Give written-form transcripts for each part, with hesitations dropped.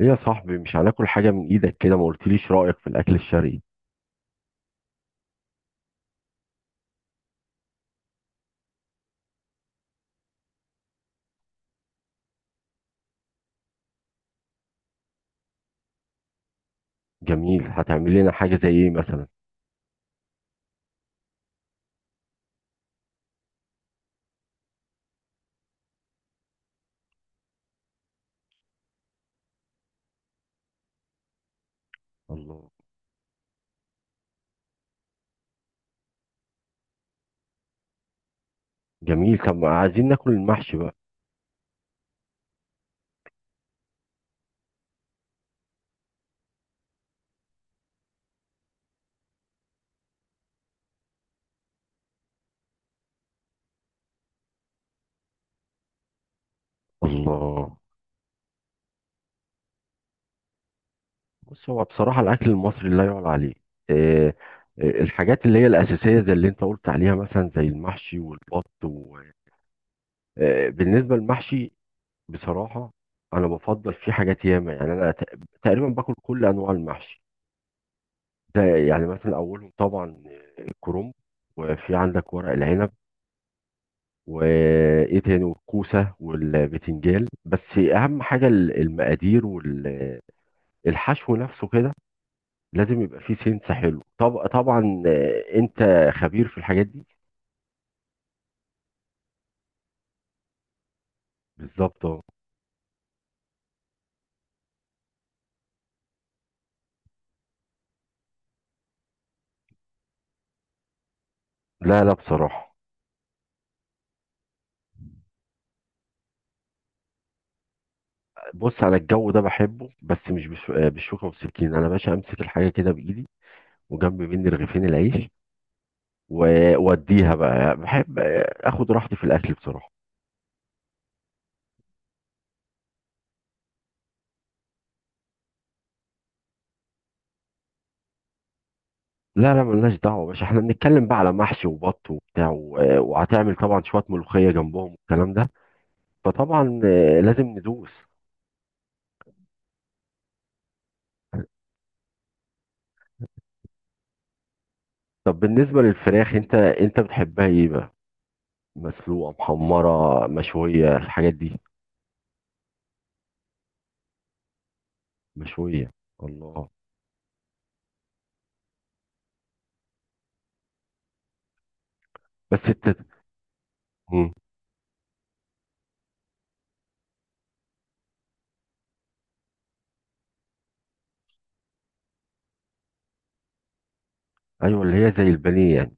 ايه يا صاحبي، مش هناكل حاجة من ايدك كده؟ ما قلتليش رأيك في الاكل الشرقي. جميل. هتعمل لنا حاجة زي ايه مثلا؟ الله. جميل. طب ما عايزين ناكل المحشي بقى. الله. بص، هو بصراحة الاكل المصري لا يعلى عليه. إيه. الحاجات اللي هي الاساسية زي اللي انت قلت عليها مثلا زي المحشي والبط إيه بالنسبة للمحشي؟ بصراحة، انا بفضل فيه حاجات ياما. يعني انا تقريبا باكل كل انواع المحشي. ده يعني مثلا اولهم طبعا الكرنب، وفي عندك ورق العنب، وايه تاني، والكوسه والبتنجان. بس اهم حاجه المقادير، والحشو نفسه كده. لازم يبقى فيه سنس حلو. طب طبعا انت خبير في الحاجات دي. بالظبط، اه. لا، لا، بصراحه. بص، انا الجو ده بحبه، بس مش بالشوكه والسكين. انا باشا امسك الحاجه كده بايدي، وجنب مني رغيفين العيش، ووديها بقى. بحب اخد راحتي في الاكل بصراحه. لا، لا، ملناش دعوة يا باشا، احنا بنتكلم بقى على محشي وبط وبتاع وهتعمل طبعا شوية ملوخية جنبهم والكلام ده. فطبعا لازم ندوس. طب بالنسبة للفراخ، انت بتحبها ايه بقى؟ مسلوقة، محمرة، مشوية، الحاجات دي؟ مشوية. الله. بس مم. ايوه، اللي هي زي البانيه يعني.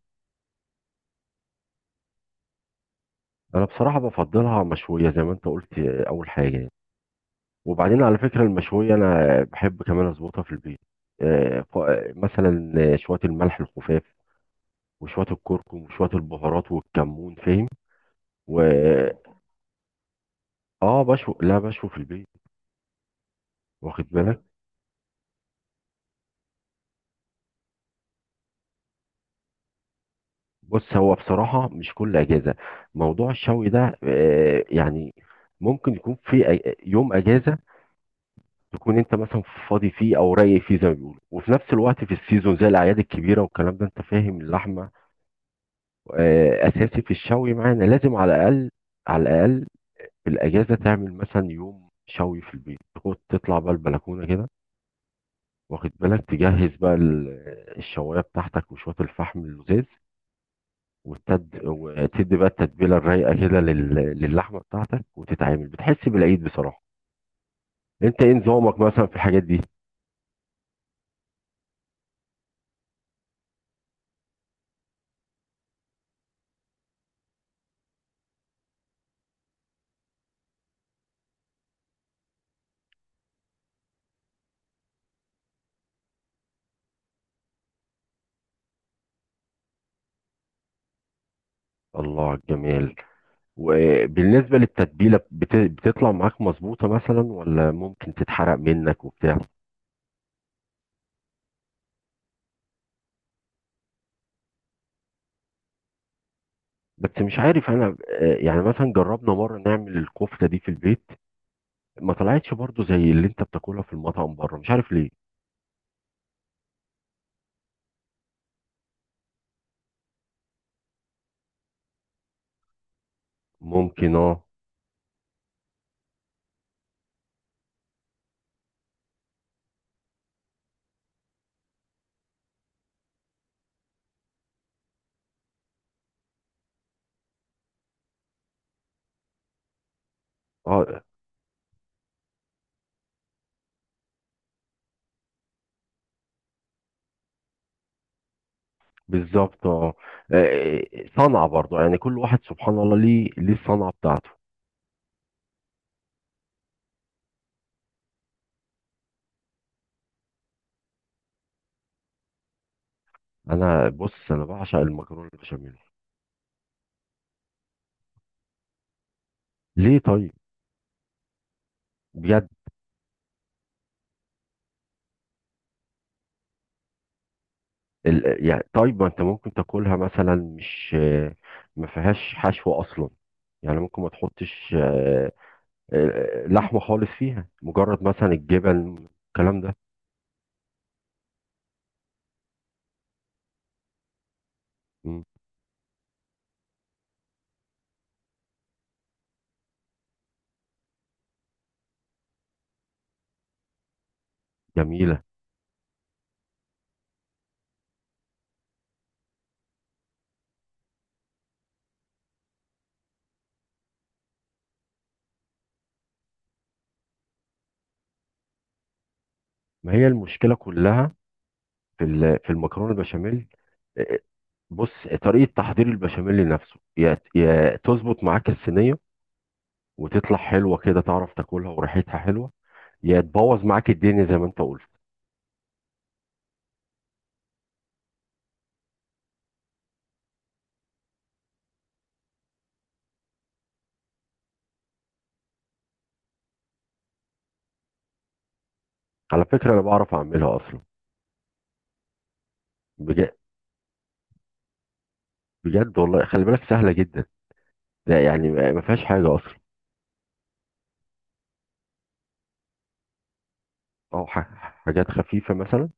انا بصراحة بفضلها مشوية زي ما انت قلت، اول حاجة يعني. وبعدين على فكرة المشوية، انا بحب كمان اظبطها في البيت. آه، ف- مثلا شوية الملح الخفاف، وشوية الكركم وشوية البهارات والكمون، فاهم؟ و اه، بشوي. لا، بشوي في البيت. واخد بالك. بص، هو بصراحة مش كل أجازة. موضوع الشوي ده يعني، ممكن يكون في يوم أجازة، تكون أنت مثلا فاضي فيه أو رايق فيه زي ما بيقولوا، وفي نفس الوقت في السيزون زي الأعياد الكبيرة والكلام ده. أنت فاهم، اللحمة أساسي في الشوي معانا. لازم على الأقل، على الأقل في الأجازة تعمل مثلا يوم شوي في البيت. تطلع بقى البلكونة كده، واخد بالك، تجهز بقى الشوايه بتاعتك وشويه الفحم اللزاز، وتدي بقى التتبيله الرايقه كده للحمه بتاعتك، وتتعامل بتحس بالعيد بصراحه. انت ايه نظامك مثلا في الحاجات دي؟ الله على الجمال. وبالنسبه للتتبيله، بتطلع معاك مظبوطه مثلا ولا ممكن تتحرق منك وبتاع؟ بس مش عارف انا، يعني مثلا جربنا مره نعمل الكفته دي في البيت. ما طلعتش برضو زي اللي انت بتاكلها في المطعم بره. مش عارف ليه. ممكن، اه. اه، بالظبط، اه. آه، صنعة برضو، يعني كل واحد سبحان الله ليه الصنعة بتاعته. بص، انا بعشق المكرونة البشاميل. ليه طيب؟ بجد؟ يعني طيب، ما انت ممكن تاكلها مثلا، مش؟ ما فيهاش حشو اصلا. يعني ممكن ما تحطش لحمة خالص فيها، مجرد مثلا الجبن، الكلام ده. مم، جميلة. ما هي المشكلة كلها في المكرونة البشاميل. آه، بص، طريقة تحضير البشاميل نفسه، يا تظبط معاك الصينية وتطلع حلوة كده، تعرف تاكلها وريحتها حلوة، يا تبوظ معاك الدنيا زي ما انت قلت. على فكرة انا بعرف اعملها اصلا. بجد؟ بجد والله. خلي بالك سهلة جدا. لا يعني، ما فيهاش حاجة اصلا. او حاجات خفيفة مثلا.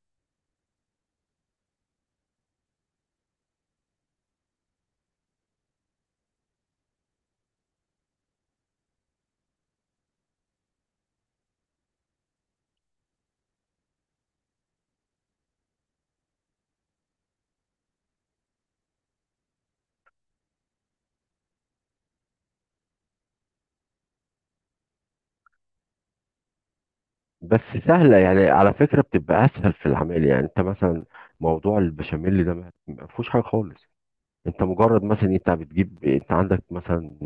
بس سهلة يعني على فكرة، بتبقى اسهل في العمل. يعني انت مثلا موضوع البشاميل ده ما فيهوش حاجة خالص. انت مجرد مثلا، انت بتجيب، انت عندك مثلا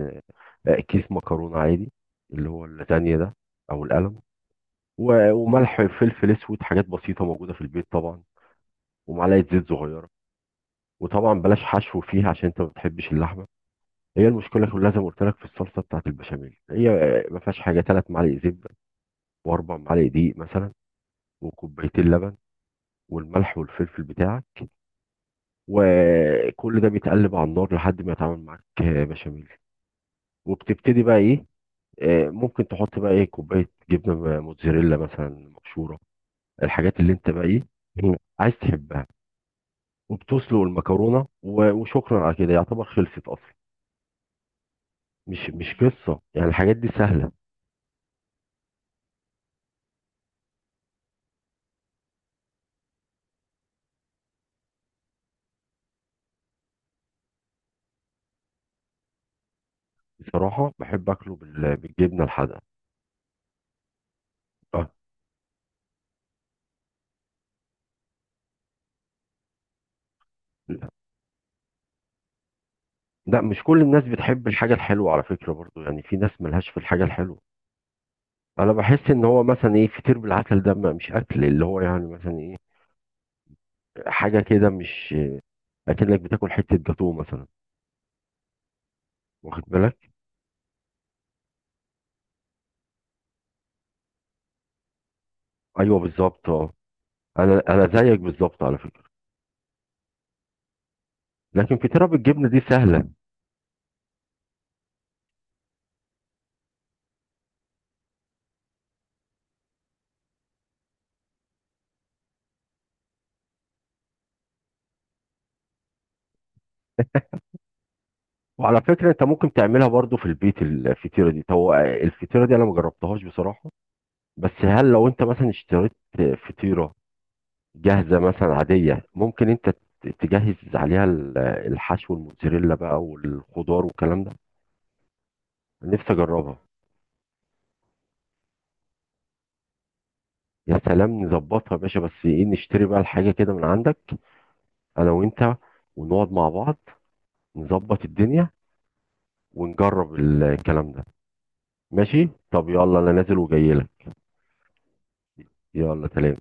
كيس مكرونه عادي، اللي هو اللازانيا ده، او القلم، وملح، فلفل اسود، حاجات بسيطه موجوده في البيت طبعا، ومعلقه زيت صغيره. وطبعا بلاش حشو فيها عشان انت ما بتحبش اللحمه. هي المشكله كلها زي ما قلت لك في الصلصه بتاعت البشاميل. هي ما فيهاش حاجه. ثلاث معالق زبده، واربع معالق دقيق مثلا، وكوبايتين لبن، والملح والفلفل بتاعك. وكل ده بيتقلب على النار لحد ما يتعامل معاك بشاميل. وبتبتدي بقى ايه، ممكن تحط بقى ايه كوبايه جبنه موتزاريلا مثلا مبشوره، الحاجات اللي انت بقى ايه عايز تحبها. وبتسلق المكرونه. وشكرا على كده، يعتبر خلصت اصلا. مش قصه، يعني الحاجات دي سهله. بصراحه بحب اكله بالجبنه الحادقه. اه. لا، لا، مش كل الناس بتحب الحاجه الحلوه على فكره برضو. يعني في ناس ملهاش في الحاجه الحلوه. انا بحس ان هو مثلا ايه، فطير بالعسل ده مش اكل، اللي هو يعني مثلا ايه، حاجه كده، مش اكنك بتاكل حته جاتوه مثلا. واخد بالك. ايوه، بالظبط، اه. انا زيك بالظبط على فكره. لكن فطيره بالجبنه دي سهله. وعلى فكره انت ممكن تعملها برضو في البيت الفطيره دي. طب الفطيره دي انا ما جربتهاش بصراحه. بس هل لو انت مثلا اشتريت فطيره جاهزه مثلا عاديه، ممكن انت تجهز عليها الحشو، الموتزاريلا بقى والخضار والكلام ده. نفسي اجربها. يا سلام، نظبطها يا باشا، بس ايه نشتري بقى الحاجه كده من عندك. انا وانت، ونقعد مع بعض، نظبط الدنيا، ونجرب الكلام ده. ماشي. طب يلا انا نازل وجاي لك. يلا سلام.